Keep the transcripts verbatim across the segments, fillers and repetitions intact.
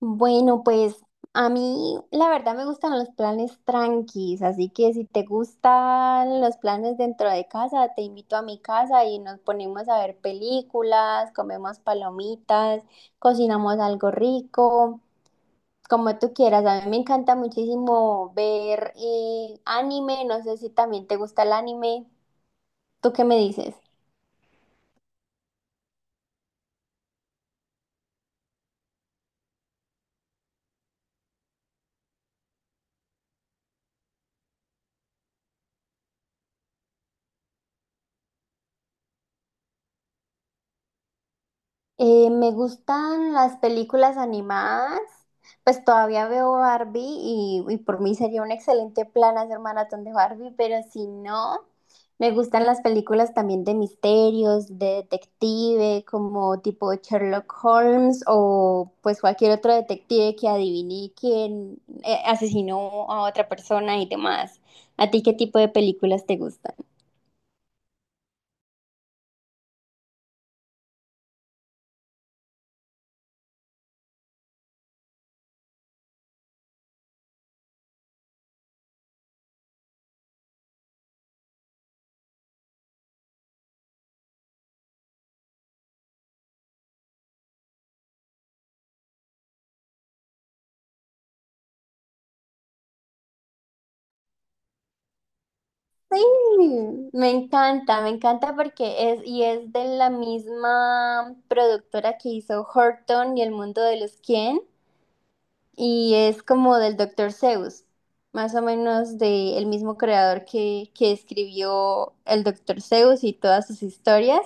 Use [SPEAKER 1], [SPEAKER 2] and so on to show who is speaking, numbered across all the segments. [SPEAKER 1] Bueno, pues a mí la verdad me gustan los planes tranquis, así que si te gustan los planes dentro de casa, te invito a mi casa y nos ponemos a ver películas, comemos palomitas, cocinamos algo rico, como tú quieras. A mí me encanta muchísimo ver eh, anime, no sé si también te gusta el anime. ¿Tú qué me dices? Eh, me gustan las películas animadas, pues todavía veo Barbie y, y por mí sería un excelente plan hacer maratón de Barbie, pero si no, me gustan las películas también de misterios, de detective, como tipo Sherlock Holmes o pues cualquier otro detective que adivine quién eh, asesinó a otra persona y demás. ¿A ti qué tipo de películas te gustan? Sí, me encanta, me encanta porque es y es de la misma productora que hizo Horton y El Mundo de los Quién y es como del Doctor Seuss, más o menos del mismo creador que, que escribió el Doctor Seuss y todas sus historias.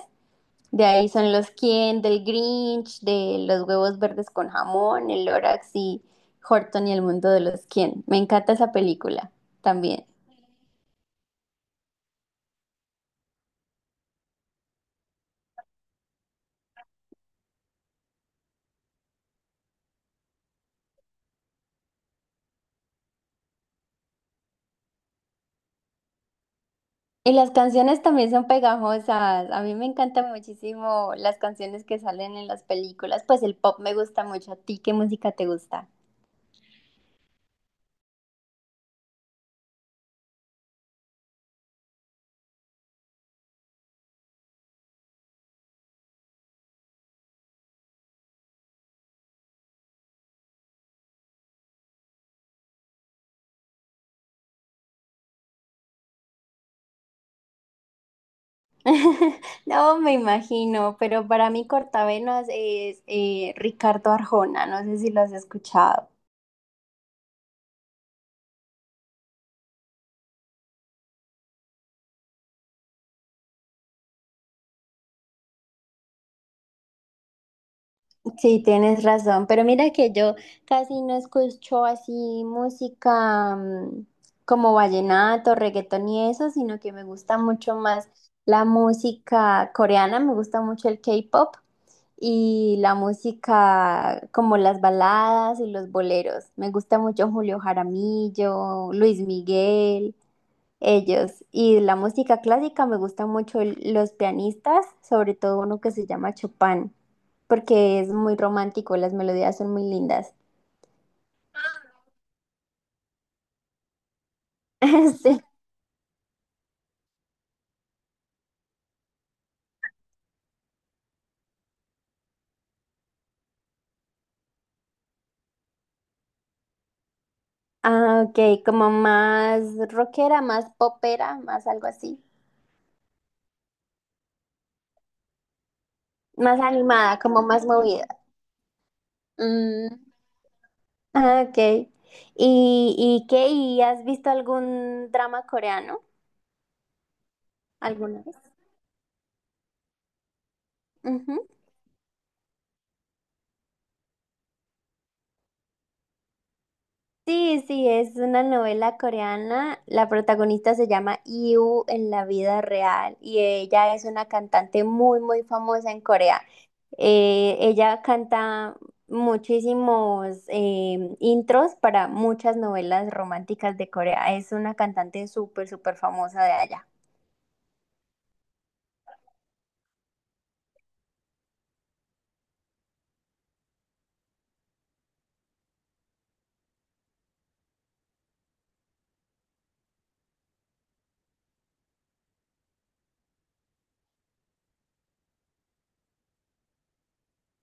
[SPEAKER 1] De ahí son los Quién, del Grinch, de los huevos verdes con jamón, el Lorax y Horton y el mundo de los Quién. Me encanta esa película también. Y las canciones también son pegajosas. A mí me encantan muchísimo las canciones que salen en las películas. Pues el pop me gusta mucho. ¿A ti qué música te gusta? No, me imagino, pero para mí cortavenas es eh, Ricardo Arjona. No sé si lo has escuchado. Sí, tienes razón, pero mira que yo casi no escucho así música mm, como vallenato, reggaetón y eso, sino que me gusta mucho más la música coreana, me gusta mucho el K-pop y la música como las baladas y los boleros. Me gusta mucho Julio Jaramillo, Luis Miguel. Ellos. Y la música clásica me gusta mucho el- los pianistas, sobre todo uno que se llama Chopin, porque es muy romántico, las melodías son muy lindas. Sí. Ah, ok, como más rockera, más popera, más algo así. Más animada, como más movida. Mm, ah, ok. ¿Y, y qué? ¿Y has visto algún drama coreano alguna vez? Ujú. Sí, sí, es una novela coreana. La protagonista se llama Iu en la vida real y ella es una cantante muy, muy famosa en Corea. Eh, ella canta muchísimos eh, intros para muchas novelas románticas de Corea. Es una cantante súper, súper famosa de allá.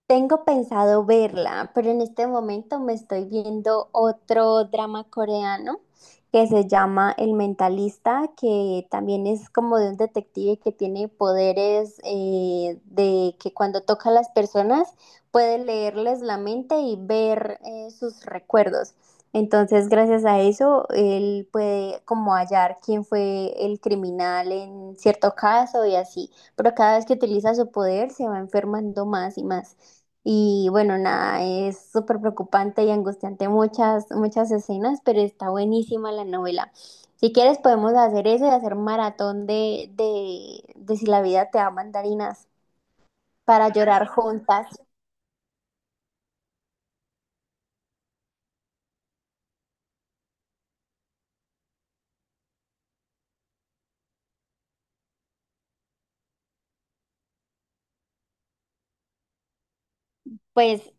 [SPEAKER 1] Tengo pensado verla, pero en este momento me estoy viendo otro drama coreano que se llama El Mentalista, que también es como de un detective que tiene poderes eh, de que cuando toca a las personas puede leerles la mente y ver eh, sus recuerdos. Entonces, gracias a eso, él puede como hallar quién fue el criminal en cierto caso y así. Pero cada vez que utiliza su poder, se va enfermando más y más. Y bueno, nada, es súper preocupante y angustiante muchas, muchas escenas, pero está buenísima la novela. Si quieres podemos hacer eso y hacer maratón de, de, de Si la vida te da mandarinas para llorar juntas. Pues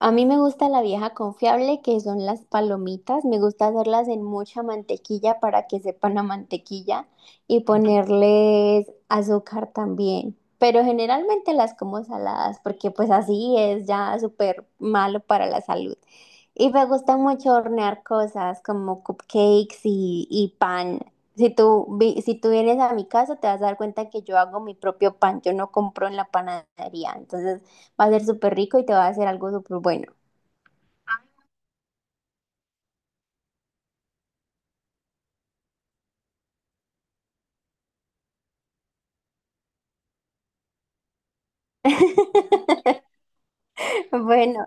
[SPEAKER 1] a mí me gusta la vieja confiable, que son las palomitas. Me gusta hacerlas en mucha mantequilla para que sepan a mantequilla y ponerles azúcar también. Pero generalmente las como saladas porque pues así es ya súper malo para la salud. Y me gusta mucho hornear cosas como cupcakes y, y pan. Si tú, vi- si tú vienes a mi casa te vas a dar cuenta que yo hago mi propio pan, yo no compro en la panadería. Entonces va a ser súper rico y te va a hacer algo súper bueno. Bueno,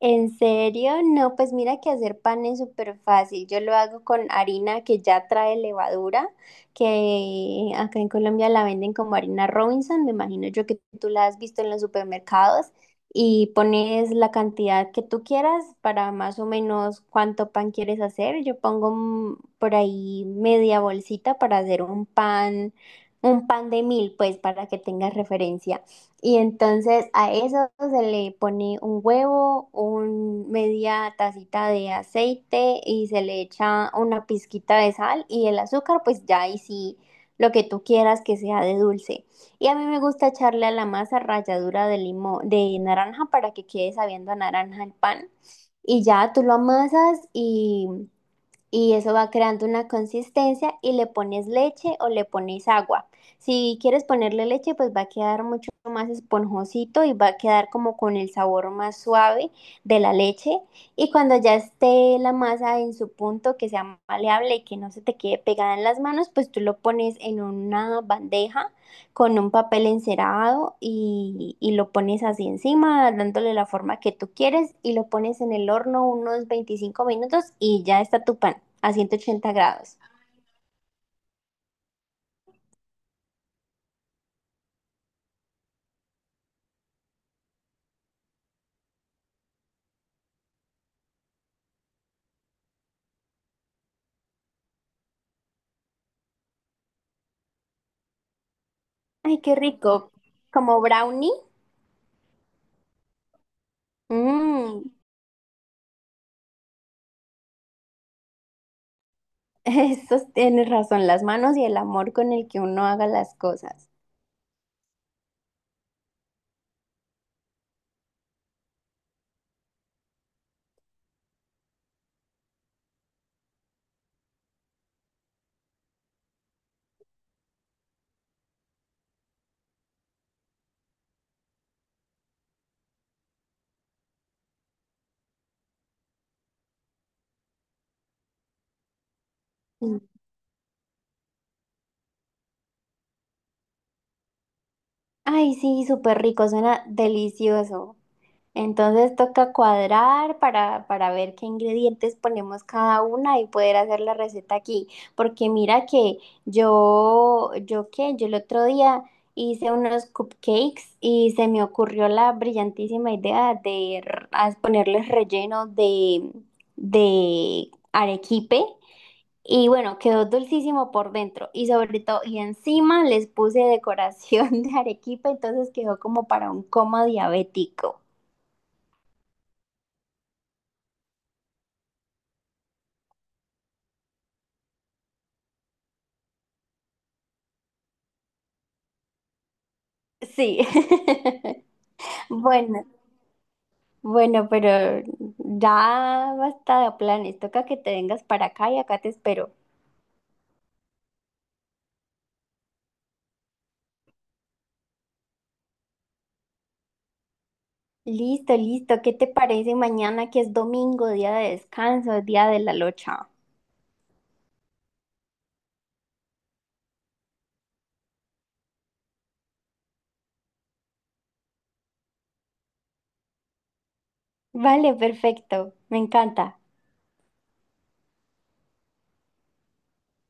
[SPEAKER 1] ¿en serio? No, pues mira que hacer pan es súper fácil. Yo lo hago con harina que ya trae levadura, que acá en Colombia la venden como harina Robinson, me imagino yo que tú la has visto en los supermercados, y pones la cantidad que tú quieras para más o menos cuánto pan quieres hacer. Yo pongo mm, por ahí media bolsita para hacer un pan, un pan de mil, pues para que tengas referencia. Y entonces a eso se le pone un huevo, un media tacita de aceite y se le echa una pizquita de sal y el azúcar, pues ya ahí sí lo que tú quieras que sea de dulce. Y a mí me gusta echarle a la masa ralladura de limón, de naranja para que quede sabiendo a naranja el pan. Y ya tú lo amasas y y eso va creando una consistencia y le pones leche o le pones agua. Si quieres ponerle leche, pues va a quedar mucho más esponjosito y va a quedar como con el sabor más suave de la leche. Y cuando ya esté la masa en su punto, que sea maleable y que no se te quede pegada en las manos, pues tú lo pones en una bandeja con un papel encerado y, y lo pones así encima, dándole la forma que tú quieres y lo pones en el horno unos veinticinco minutos y ya está tu pan a ciento ochenta grados. Ay, qué rico. Como brownie. Mm, Eso tienes razón, las manos y el amor con el que uno haga las cosas. Ay, sí, súper rico, suena delicioso. Entonces toca cuadrar para, para ver qué ingredientes ponemos cada una y poder hacer la receta aquí. Porque mira que yo, yo qué, yo el otro día hice unos cupcakes y se me ocurrió la brillantísima idea de r- as- ponerles relleno de, de arequipe. Y bueno, quedó dulcísimo por dentro y sobre todo, y encima les puse decoración de arequipa, entonces quedó como para un coma diabético. Sí. Bueno, bueno, pero ya basta de planes, toca que te vengas para acá y acá te espero. Listo, listo, ¿qué te parece mañana que es domingo, día de descanso, día de la locha? Vale, perfecto, me encanta.